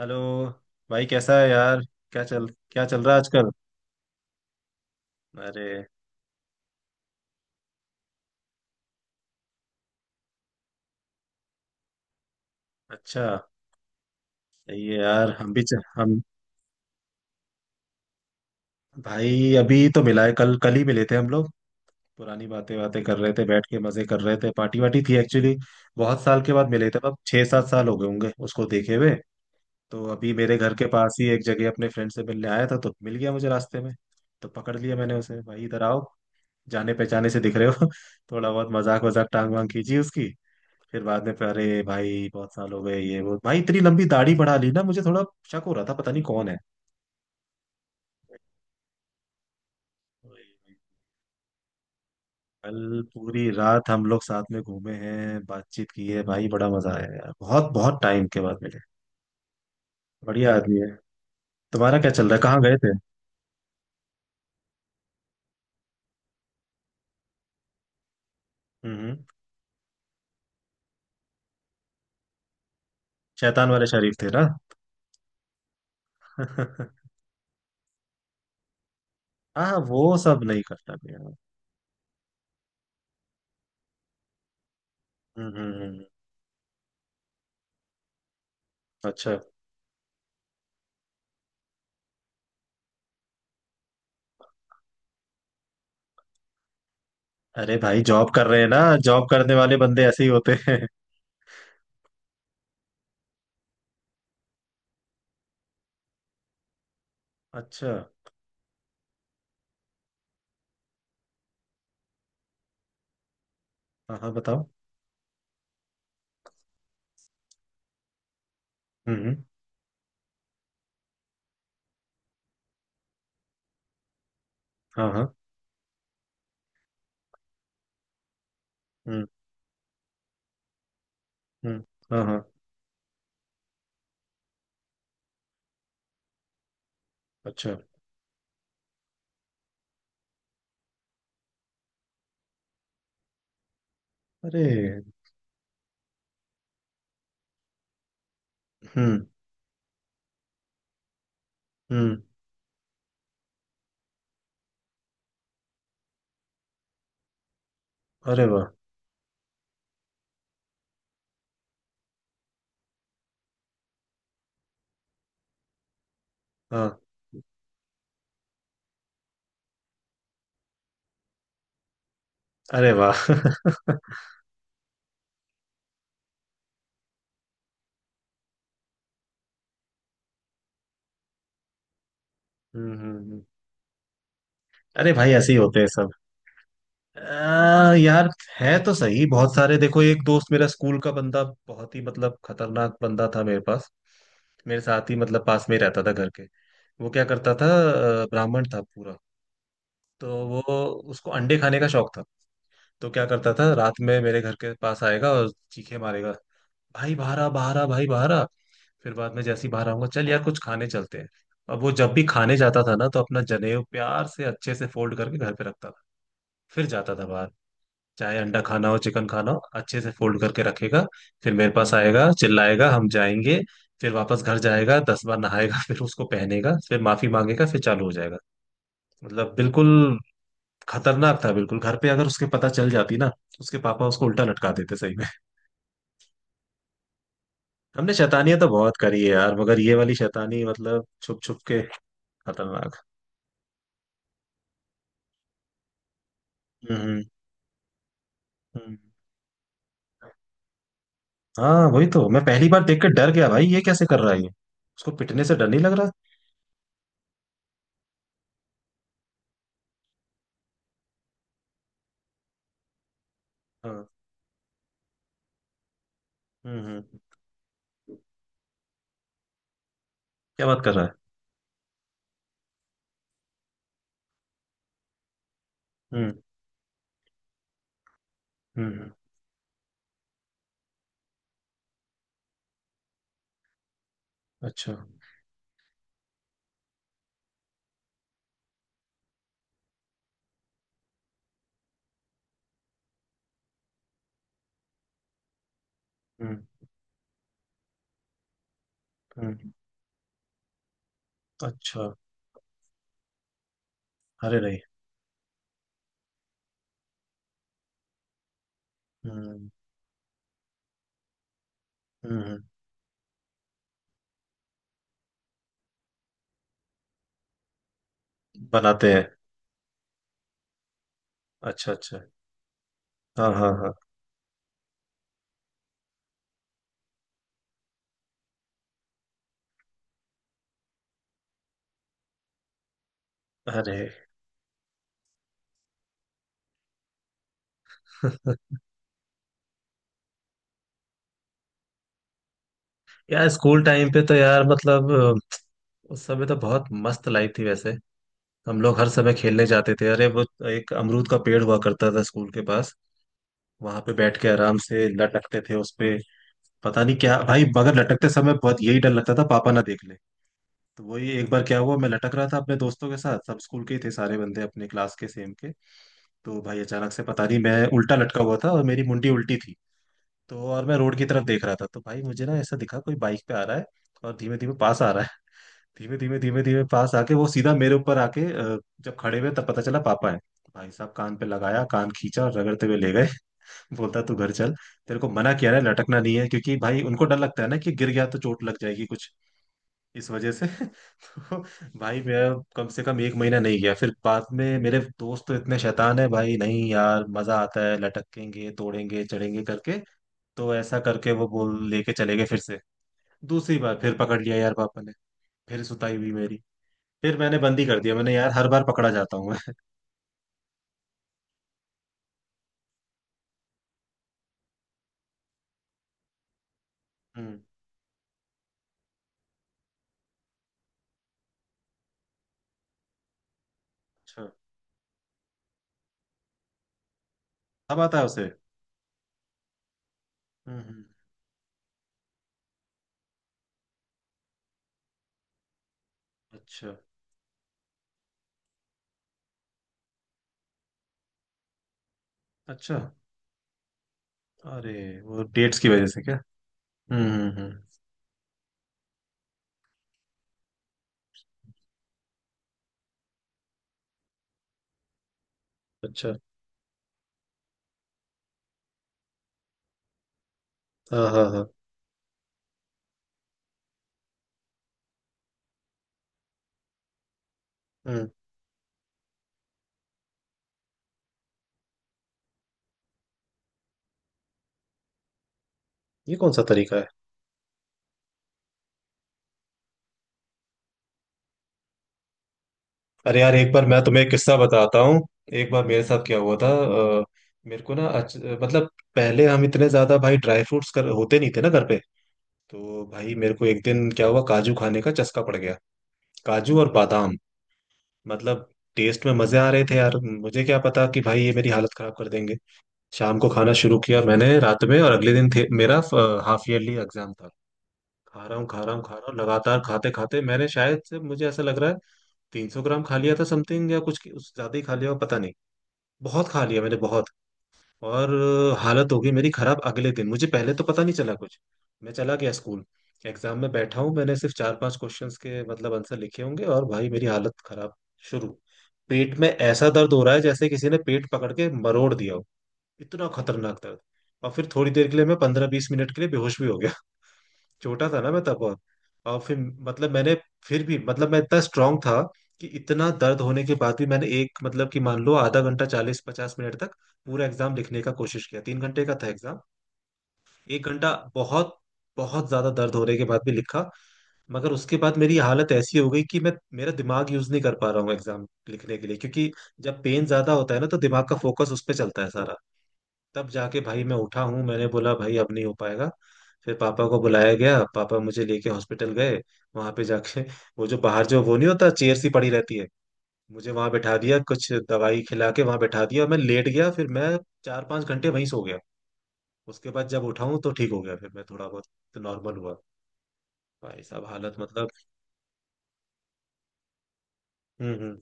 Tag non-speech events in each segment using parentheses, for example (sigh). Hello. भाई कैसा है यार? क्या चल रहा है आजकल? अरे अच्छा, सही है यार। हम भी च, हम भाई अभी तो मिला है, कल कल ही मिले थे हम लोग। पुरानी बातें बातें कर रहे थे, बैठ के मजे कर रहे थे, पार्टी वार्टी थी एक्चुअली। बहुत साल के बाद मिले थे, अब 6-7 साल हो गए होंगे उसको देखे हुए। तो अभी मेरे घर के पास ही एक जगह अपने फ्रेंड से मिलने आया था तो मिल गया मुझे रास्ते में। तो पकड़ लिया मैंने उसे, भाई इधर आओ, जाने पहचाने से दिख रहे हो। (laughs) थोड़ा बहुत मजाक वजाक टांग वांग कीजिए उसकी। फिर बाद में, फिर अरे भाई बहुत साल हो गए ये वो, भाई इतनी लंबी दाढ़ी बढ़ा ली ना, मुझे थोड़ा शक हो रहा था पता नहीं कौन है। कल पूरी रात हम लोग साथ में घूमे हैं, बातचीत की है भाई, बड़ा मजा आया यार, बहुत बहुत टाइम के बाद मिले। बढ़िया आदमी है। तुम्हारा क्या चल रहा है, कहाँ गए थे? हम्म। शैतान वाले शरीफ थे ना? (laughs) हाँ वो सब नहीं करता मैं यार। हम्म हम्म, हम्म, अच्छा। अरे भाई जॉब कर रहे हैं ना, जॉब करने वाले बंदे ऐसे ही होते हैं। (laughs) अच्छा। हाँ हाँ, बताओ। हम्म। हाँ हाँ। हम्म। हाँ हाँ। अच्छा। अरे। हम्म। हम्म। अरे वाह। हाँ। अरे वाह। (laughs) हम्म, हम्म। अरे भाई ऐसे ही होते हैं सब। यार है तो सही बहुत सारे। देखो, एक दोस्त मेरा, स्कूल का बंदा, बहुत ही मतलब खतरनाक बंदा था मेरे पास। मेरे साथ ही मतलब पास में ही रहता था घर के। वो क्या करता था, ब्राह्मण था पूरा। तो वो, उसको अंडे खाने का शौक था। तो क्या करता था, रात में मेरे घर के पास आएगा और चीखे मारेगा, भाई बाहर आ, बाहर आ, भाई बाहर आ। फिर बाद में जैसे ही बाहर आऊंगा, चल यार कुछ खाने चलते हैं। अब वो जब भी खाने जाता था ना, तो अपना जनेऊ प्यार से अच्छे से फोल्ड करके घर पे रखता था। फिर जाता था बाहर। चाहे अंडा खाना हो, चिकन खाना हो, अच्छे से फोल्ड करके रखेगा। फिर मेरे पास आएगा, चिल्लाएगा, हम जाएंगे। फिर वापस घर जाएगा, 10 बार नहाएगा, फिर उसको पहनेगा, फिर माफी मांगेगा, फिर चालू हो जाएगा। मतलब बिल्कुल खतरनाक था बिल्कुल। घर पे अगर उसके पता चल जाती ना, उसके पापा उसको उल्टा लटका देते सही में। हमने शैतानियां तो बहुत करी है यार, मगर ये वाली शैतानी मतलब छुप छुप के। खतरनाक। हम्म हम्म। हाँ वही तो, मैं पहली बार देख के डर गया भाई, ये कैसे कर रहा है ये, उसको पिटने से डर नहीं लग रहा। हाँ। हम्म। क्या बात कर रहा है। हम्म हम्म हम्म, अच्छा। हम्म हम्म। अच्छा। अरे नहीं। हम्म हम्म हम्म। बनाते हैं। अच्छा अच्छा। हाँ हाँ हाँ। अरे। (laughs) यार स्कूल टाइम पे तो यार मतलब उस समय तो बहुत मस्त लाइफ थी वैसे। हम लोग हर समय खेलने जाते थे। अरे वो, एक अमरूद का पेड़ हुआ करता था स्कूल के पास, वहां पे बैठ के आराम से लटकते थे उस पे। पता नहीं क्या भाई मगर लटकते समय बहुत यही डर लगता था पापा ना देख ले। तो वही एक बार क्या हुआ, मैं लटक रहा था अपने दोस्तों के साथ, सब स्कूल के ही थे, सारे बंदे अपने क्लास के सेम के। तो भाई अचानक से पता नहीं, मैं उल्टा लटका हुआ था और मेरी मुंडी उल्टी थी तो, और मैं रोड की तरफ देख रहा था, तो भाई मुझे ना ऐसा दिखा कोई बाइक पे आ रहा है और धीमे धीमे पास आ रहा है। (laughs) धीमे धीमे धीमे धीमे पास आके वो सीधा मेरे ऊपर आके जब खड़े हुए तब पता चला पापा है। भाई साहब कान पे लगाया, कान खींचा और रगड़ते हुए ले गए। बोलता तू घर चल, तेरे को मना किया है लटकना नहीं है, क्योंकि भाई उनको डर लगता है ना कि गिर गया तो चोट लग जाएगी कुछ, इस वजह से। (laughs) तो भाई मैं कम से कम एक महीना नहीं गया। फिर बाद में मेरे दोस्त तो इतने शैतान है भाई, नहीं यार मजा आता है लटकेंगे तोड़ेंगे चढ़ेंगे करके, तो ऐसा करके वो बोल लेके चले गए फिर से। दूसरी बार फिर पकड़ लिया यार पापा ने, फिर सुताई हुई मेरी। फिर मैंने बंदी कर दिया, मैंने यार हर बार पकड़ा जाता हूँ मैं। (laughs) हम्म। अच्छा। अब आता है उसे। हम्म हम्म, अच्छा अच्छा। अरे, वो डेट्स की वजह से क्या? हम्म हम्म हम्म। अच्छा। हाँ हाँ हाँ। हम्म। ये कौन सा तरीका है? अरे यार, एक बार मैं तुम्हें एक किस्सा बताता हूँ। एक बार मेरे साथ क्या हुआ था। अ, मेरे को ना मतलब पहले हम इतने ज्यादा भाई ड्राई फ्रूट्स कर होते नहीं थे ना घर पे। तो भाई मेरे को एक दिन क्या हुआ, काजू खाने का चस्का पड़ गया, काजू और बादाम मतलब। टेस्ट में मजे आ रहे थे यार, मुझे क्या पता कि भाई ये मेरी हालत खराब कर देंगे। शाम को खाना शुरू किया मैंने रात में, और अगले दिन थे मेरा हाफ ईयरली एग्जाम था। खा रहा हूँ, खा रहा हूँ, खा रहा हूँ लगातार, खाते खाते मैंने शायद से मुझे ऐसा लग रहा है 300 ग्राम खा लिया था समथिंग, या कुछ उस ज्यादा ही खा लिया हो, पता नहीं। बहुत खा लिया मैंने, बहुत। और हालत हो गई मेरी खराब। अगले दिन मुझे पहले तो पता नहीं चला कुछ, मैं चला गया स्कूल, एग्जाम में बैठा हूँ, मैंने सिर्फ 4-5 क्वेश्चंस के मतलब आंसर लिखे होंगे और भाई मेरी हालत खराब शुरू। पेट में ऐसा दर्द हो रहा है जैसे किसी ने पेट पकड़ के मरोड़ दिया हो, इतना खतरनाक दर्द। और फिर थोड़ी देर के लिए मैं 15-20 मिनट के लिए बेहोश भी हो गया, छोटा था ना मैं तब बहुत। और फिर मतलब, मैंने फिर भी मतलब मैं इतना स्ट्रांग था कि इतना दर्द होने के बाद भी मैंने एक मतलब कि मान लो आधा घंटा, 40-50 मिनट तक पूरा एग्जाम लिखने का कोशिश किया, 3 घंटे का था एग्जाम, एक घंटा बहुत, बहुत ज्यादा दर्द होने के बाद भी लिखा। मगर उसके बाद मेरी हालत ऐसी हो गई कि मैं मेरा दिमाग यूज नहीं कर पा रहा हूँ एग्जाम लिखने के लिए, क्योंकि जब पेन ज्यादा होता है ना तो दिमाग का फोकस उस पर चलता है सारा। तब जाके भाई मैं उठा हूँ, मैंने बोला भाई अब नहीं हो पाएगा। फिर पापा को बुलाया गया, पापा मुझे लेके हॉस्पिटल गए, वहां पे जाके (laughs) वो जो बाहर जो वो नहीं होता चेयर सी पड़ी रहती है, मुझे वहां बैठा दिया, कुछ दवाई खिला के वहां बैठा दिया, मैं लेट गया, फिर मैं 4-5 घंटे वहीं सो गया। उसके बाद जब उठा हूँ तो ठीक हो गया, फिर मैं थोड़ा बहुत तो नॉर्मल हुआ। भाई साहब हालत मतलब। हम्म।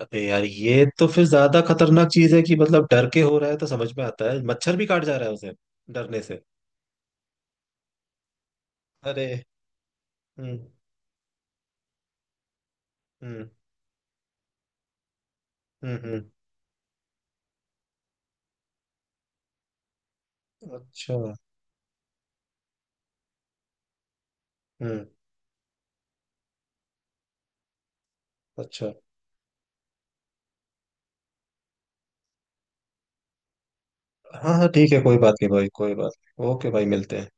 अबे यार ये तो फिर ज्यादा खतरनाक चीज है कि, मतलब डर के हो रहा है तो समझ में आता है, मच्छर भी काट जा रहा है उसे डरने से। अरे। हम्म हम्म हम्म। अच्छा। हम्म। अच्छा। हाँ हाँ ठीक है, कोई बात नहीं भाई कोई बात नहीं। ओके भाई, मिलते हैं।